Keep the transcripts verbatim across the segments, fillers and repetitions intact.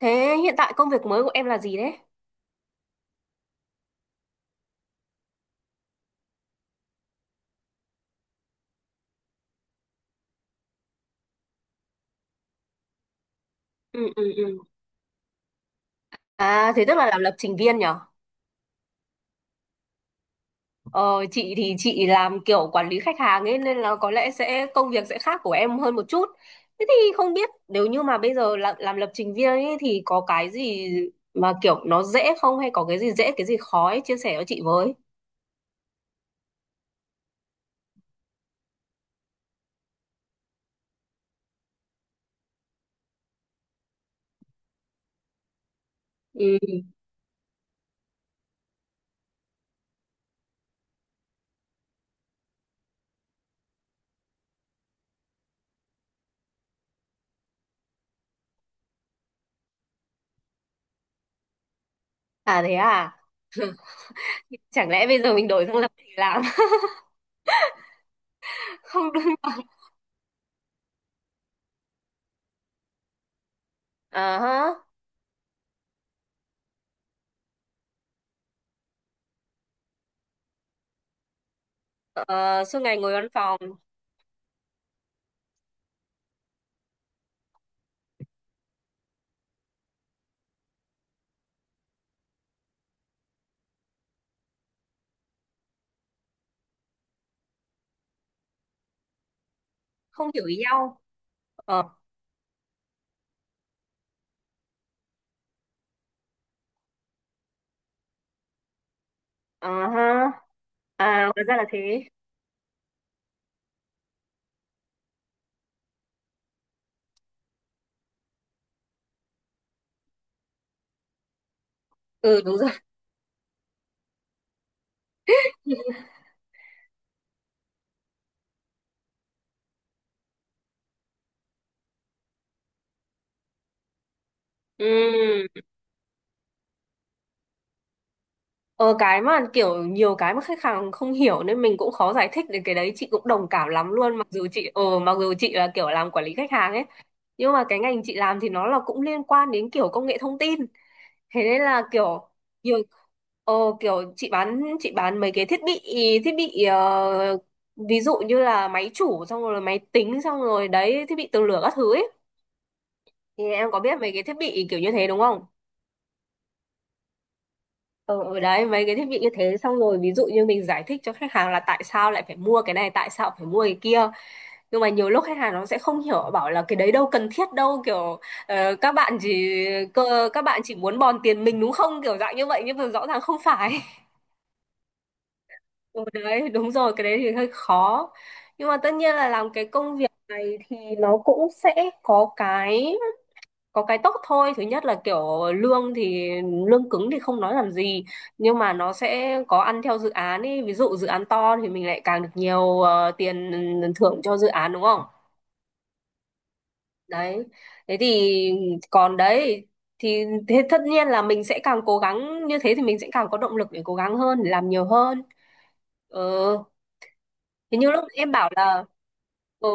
Thế hiện tại công việc mới của em là gì đấy? Ừ, ừ, ừ. À thế tức là làm lập trình viên nhở? Ờ, chị thì chị làm kiểu quản lý khách hàng ấy, nên là có lẽ sẽ công việc sẽ khác của em hơn một chút. Thế thì không biết nếu như mà bây giờ làm, làm lập trình viên ấy thì có cái gì mà kiểu nó dễ không, hay có cái gì dễ cái gì khó ấy, chia sẻ cho chị với. Ừ. À thế à? Chẳng lẽ bây giờ mình đổi sang lập trình làm? Không đúng. À ha. Ờ, suốt ngày ngồi văn phòng không hiểu ý nhau. Ờ. À ha. À, hóa ra là thế. Ừ, đúng rồi. Ừ. Ờ, cái mà kiểu nhiều cái mà khách hàng không hiểu nên mình cũng khó giải thích, đến cái đấy chị cũng đồng cảm lắm luôn, mặc dù chị ờ mặc dù chị là kiểu làm quản lý khách hàng ấy, nhưng mà cái ngành chị làm thì nó là cũng liên quan đến kiểu công nghệ thông tin, thế nên là kiểu nhiều, ờ, kiểu chị bán chị bán mấy cái thiết bị, thiết bị, ờ, ví dụ như là máy chủ xong rồi máy tính xong rồi đấy, thiết bị tường lửa các thứ ấy, thì em có biết mấy cái thiết bị kiểu như thế đúng không? Ờ, ở đấy mấy cái thiết bị như thế xong rồi ví dụ như mình giải thích cho khách hàng là tại sao lại phải mua cái này tại sao phải mua cái kia, nhưng mà nhiều lúc khách hàng nó sẽ không hiểu, bảo là cái đấy đâu cần thiết đâu, kiểu ờ, các bạn chỉ cơ, các bạn chỉ muốn bòn tiền mình đúng không, kiểu dạng như vậy, nhưng mà rõ ràng không phải. Ừ, đấy đúng rồi, cái đấy thì hơi khó, nhưng mà tất nhiên là làm cái công việc này thì nó cũng sẽ có cái có cái tốt thôi. Thứ nhất là kiểu lương thì lương cứng thì không nói làm gì, nhưng mà nó sẽ có ăn theo dự án ấy, ví dụ dự án to thì mình lại càng được nhiều, ờ, tiền thưởng cho dự án đúng không? Đấy, thế thì còn đấy, thì thế tất nhiên là mình sẽ càng cố gắng, như thế thì mình sẽ càng có động lực để cố gắng hơn để làm nhiều hơn. Ừ, thế như lúc em bảo là, ừ,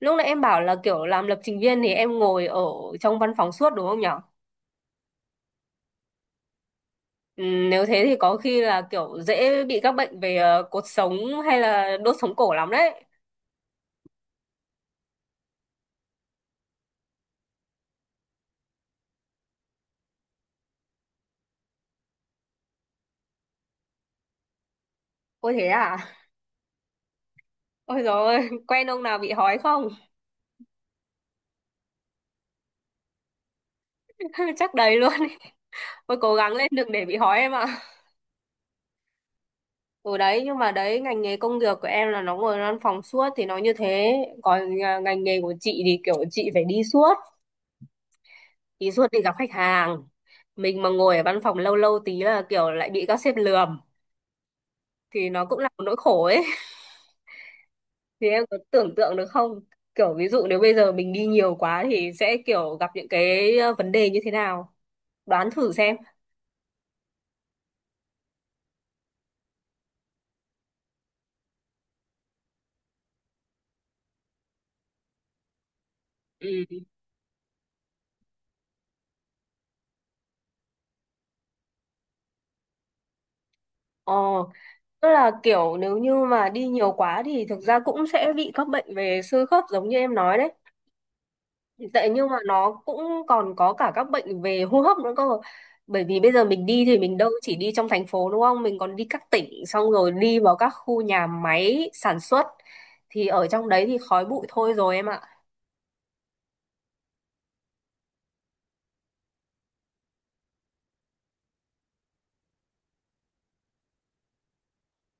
lúc nãy em bảo là kiểu làm lập trình viên thì em ngồi ở trong văn phòng suốt đúng không nhỉ? Ừ, nếu thế thì có khi là kiểu dễ bị các bệnh về ờ, cột sống hay là đốt sống cổ lắm đấy. Ôi thế à? Ôi dồi ôi, quen ông nào bị hói không? Chắc đầy luôn. Ý. Ôi cố gắng lên đừng để bị hói em ạ. Ừ đấy, nhưng mà đấy, ngành nghề công việc của em là nó ngồi văn phòng suốt thì nó như thế. Còn à, ngành nghề của chị thì kiểu chị phải đi suốt, đi suốt, đi gặp khách hàng. Mình mà ngồi ở văn phòng lâu lâu tí là kiểu lại bị các sếp lườm. Thì nó cũng là một nỗi khổ ấy. Thì em có tưởng tượng được không? Kiểu ví dụ nếu bây giờ mình đi nhiều quá thì sẽ kiểu gặp những cái, ờ, vấn đề như thế nào? Đoán thử xem. Ừ. Ờ, tức là kiểu nếu như mà đi nhiều quá thì thực ra cũng sẽ bị các bệnh về xương khớp giống như em nói đấy. Tại nhưng mà nó cũng còn có cả các bệnh về hô hấp nữa cơ. Bởi vì bây giờ mình đi thì mình đâu chỉ đi trong thành phố đúng không? Mình còn đi các tỉnh xong rồi đi vào các khu nhà máy sản xuất. Thì ở trong đấy thì khói bụi thôi rồi em ạ.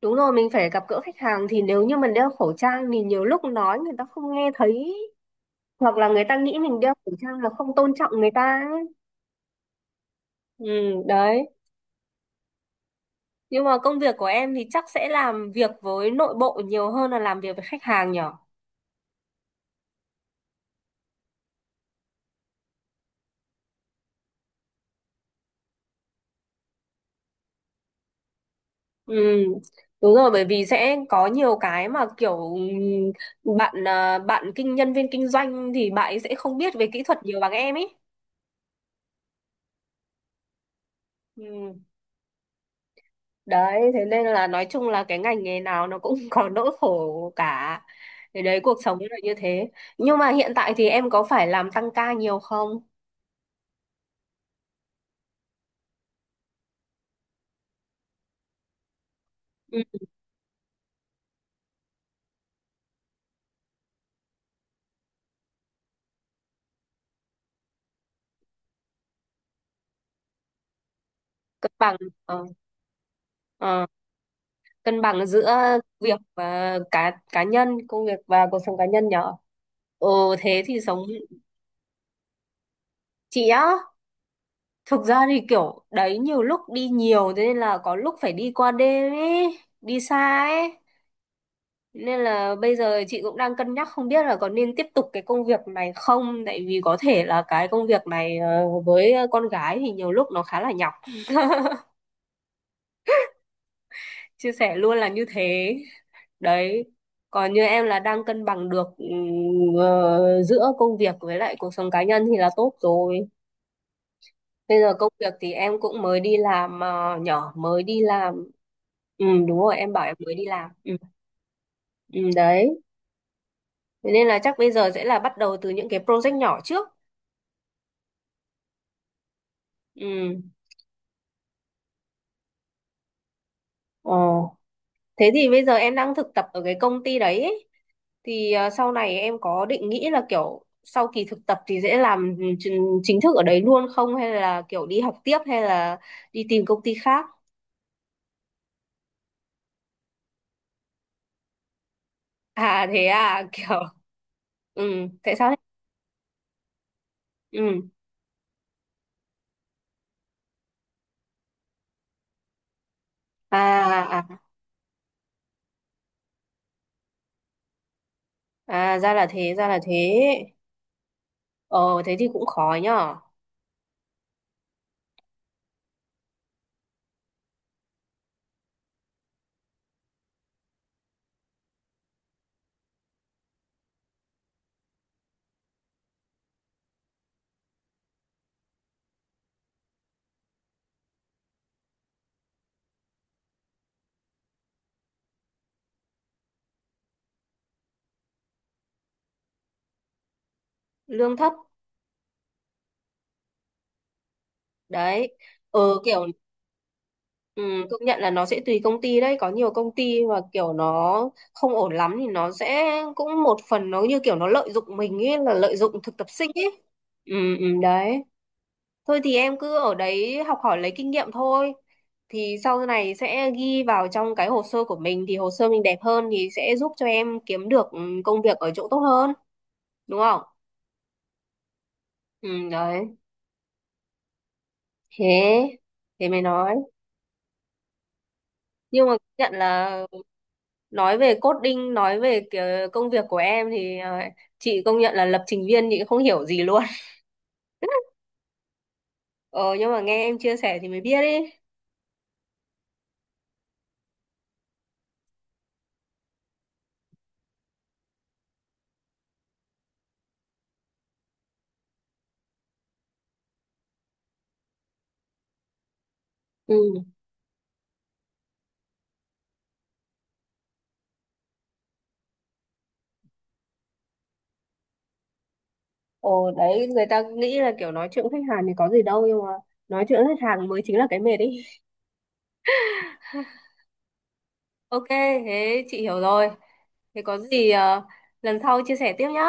Đúng rồi, mình phải gặp gỡ khách hàng thì nếu như mình đeo khẩu trang thì nhiều lúc nói người ta không nghe thấy, hoặc là người ta nghĩ mình đeo khẩu trang là không tôn trọng người ta ấy. Ừ, đấy. Nhưng mà công việc của em thì chắc sẽ làm việc với nội bộ nhiều hơn là làm việc với khách hàng nhở? Ừ, đúng rồi, bởi vì sẽ có nhiều cái mà kiểu ừ, bạn à, bạn kinh nhân viên kinh doanh thì bạn ấy sẽ không biết về kỹ thuật nhiều bằng em ấy. Ừ. Đấy thế nên là nói chung là cái ngành nghề nào nó cũng có nỗi khổ cả, thì đấy cuộc sống là như thế, nhưng mà hiện tại thì em có phải làm tăng ca nhiều không? Ừ. Cân bằng, ờ, ờ, cân bằng giữa việc và cá cá nhân công việc và cuộc sống cá nhân nhở. Ừ, thế thì sống, chị á, thực ra thì kiểu đấy nhiều lúc đi nhiều thế nên là có lúc phải đi qua đêm ấy, đi xa ấy, nên là bây giờ chị cũng đang cân nhắc không biết là có nên tiếp tục cái công việc này không, tại vì có thể là cái công việc này ờ, với con gái thì nhiều lúc nó khá là nhọc. Chia sẻ luôn là như thế. Đấy, còn như em là đang cân bằng được ừm, ờ, giữa công việc với lại cuộc sống cá nhân thì là tốt rồi. Bây giờ công việc thì em cũng mới đi làm, ờ, nhỏ mới đi làm. Ừ đúng rồi, em bảo em mới đi làm. Ừ, ừ đấy. Thế nên là chắc bây giờ sẽ là bắt đầu từ những cái project nhỏ trước. Ừ. Ờ. Thế thì bây giờ em đang thực tập ở cái công ty đấy ấy. Thì ờ, sau này em có định nghĩ là kiểu sau kỳ thực tập thì sẽ làm chính chính thức ở đấy luôn không, hay là kiểu đi học tiếp, hay là đi tìm công ty khác? À thế à, kiểu ừ, tại sao thế? Ừ. À. À, à ra là thế, ra là thế. Ờ thế thì cũng khó nhở. Lương thấp. Đấy. Ờ kiểu, ừ, công nhận là nó sẽ tùy công ty đấy, có nhiều công ty mà kiểu nó không ổn lắm thì nó sẽ cũng một phần nó như kiểu nó lợi dụng mình ấy, là lợi dụng thực tập sinh ấy. Ừ, ừ, đấy. Thôi thì em cứ ở đấy học hỏi lấy kinh nghiệm thôi, thì sau này sẽ ghi vào trong cái hồ sơ của mình, thì hồ sơ mình đẹp hơn thì sẽ giúp cho em kiếm được ừ, công việc ở chỗ tốt hơn đúng không? Ừ, đấy. Thế thế mày nói Nhưng mà công nhận là nói về coding, nói về cái công việc của em thì ờ, chị công nhận là lập trình viên chị không hiểu gì luôn. Ờ, nhưng mà nghe em chia sẻ thì mới biết ấy. Ừ. Ồ đấy, người ta nghĩ là kiểu nói chuyện với khách hàng thì có gì đâu, nhưng mà nói chuyện với khách hàng mới chính là cái mệt ấy. Ok, thế chị hiểu rồi. Thế có gì ờ, lần sau chia sẻ tiếp nhá.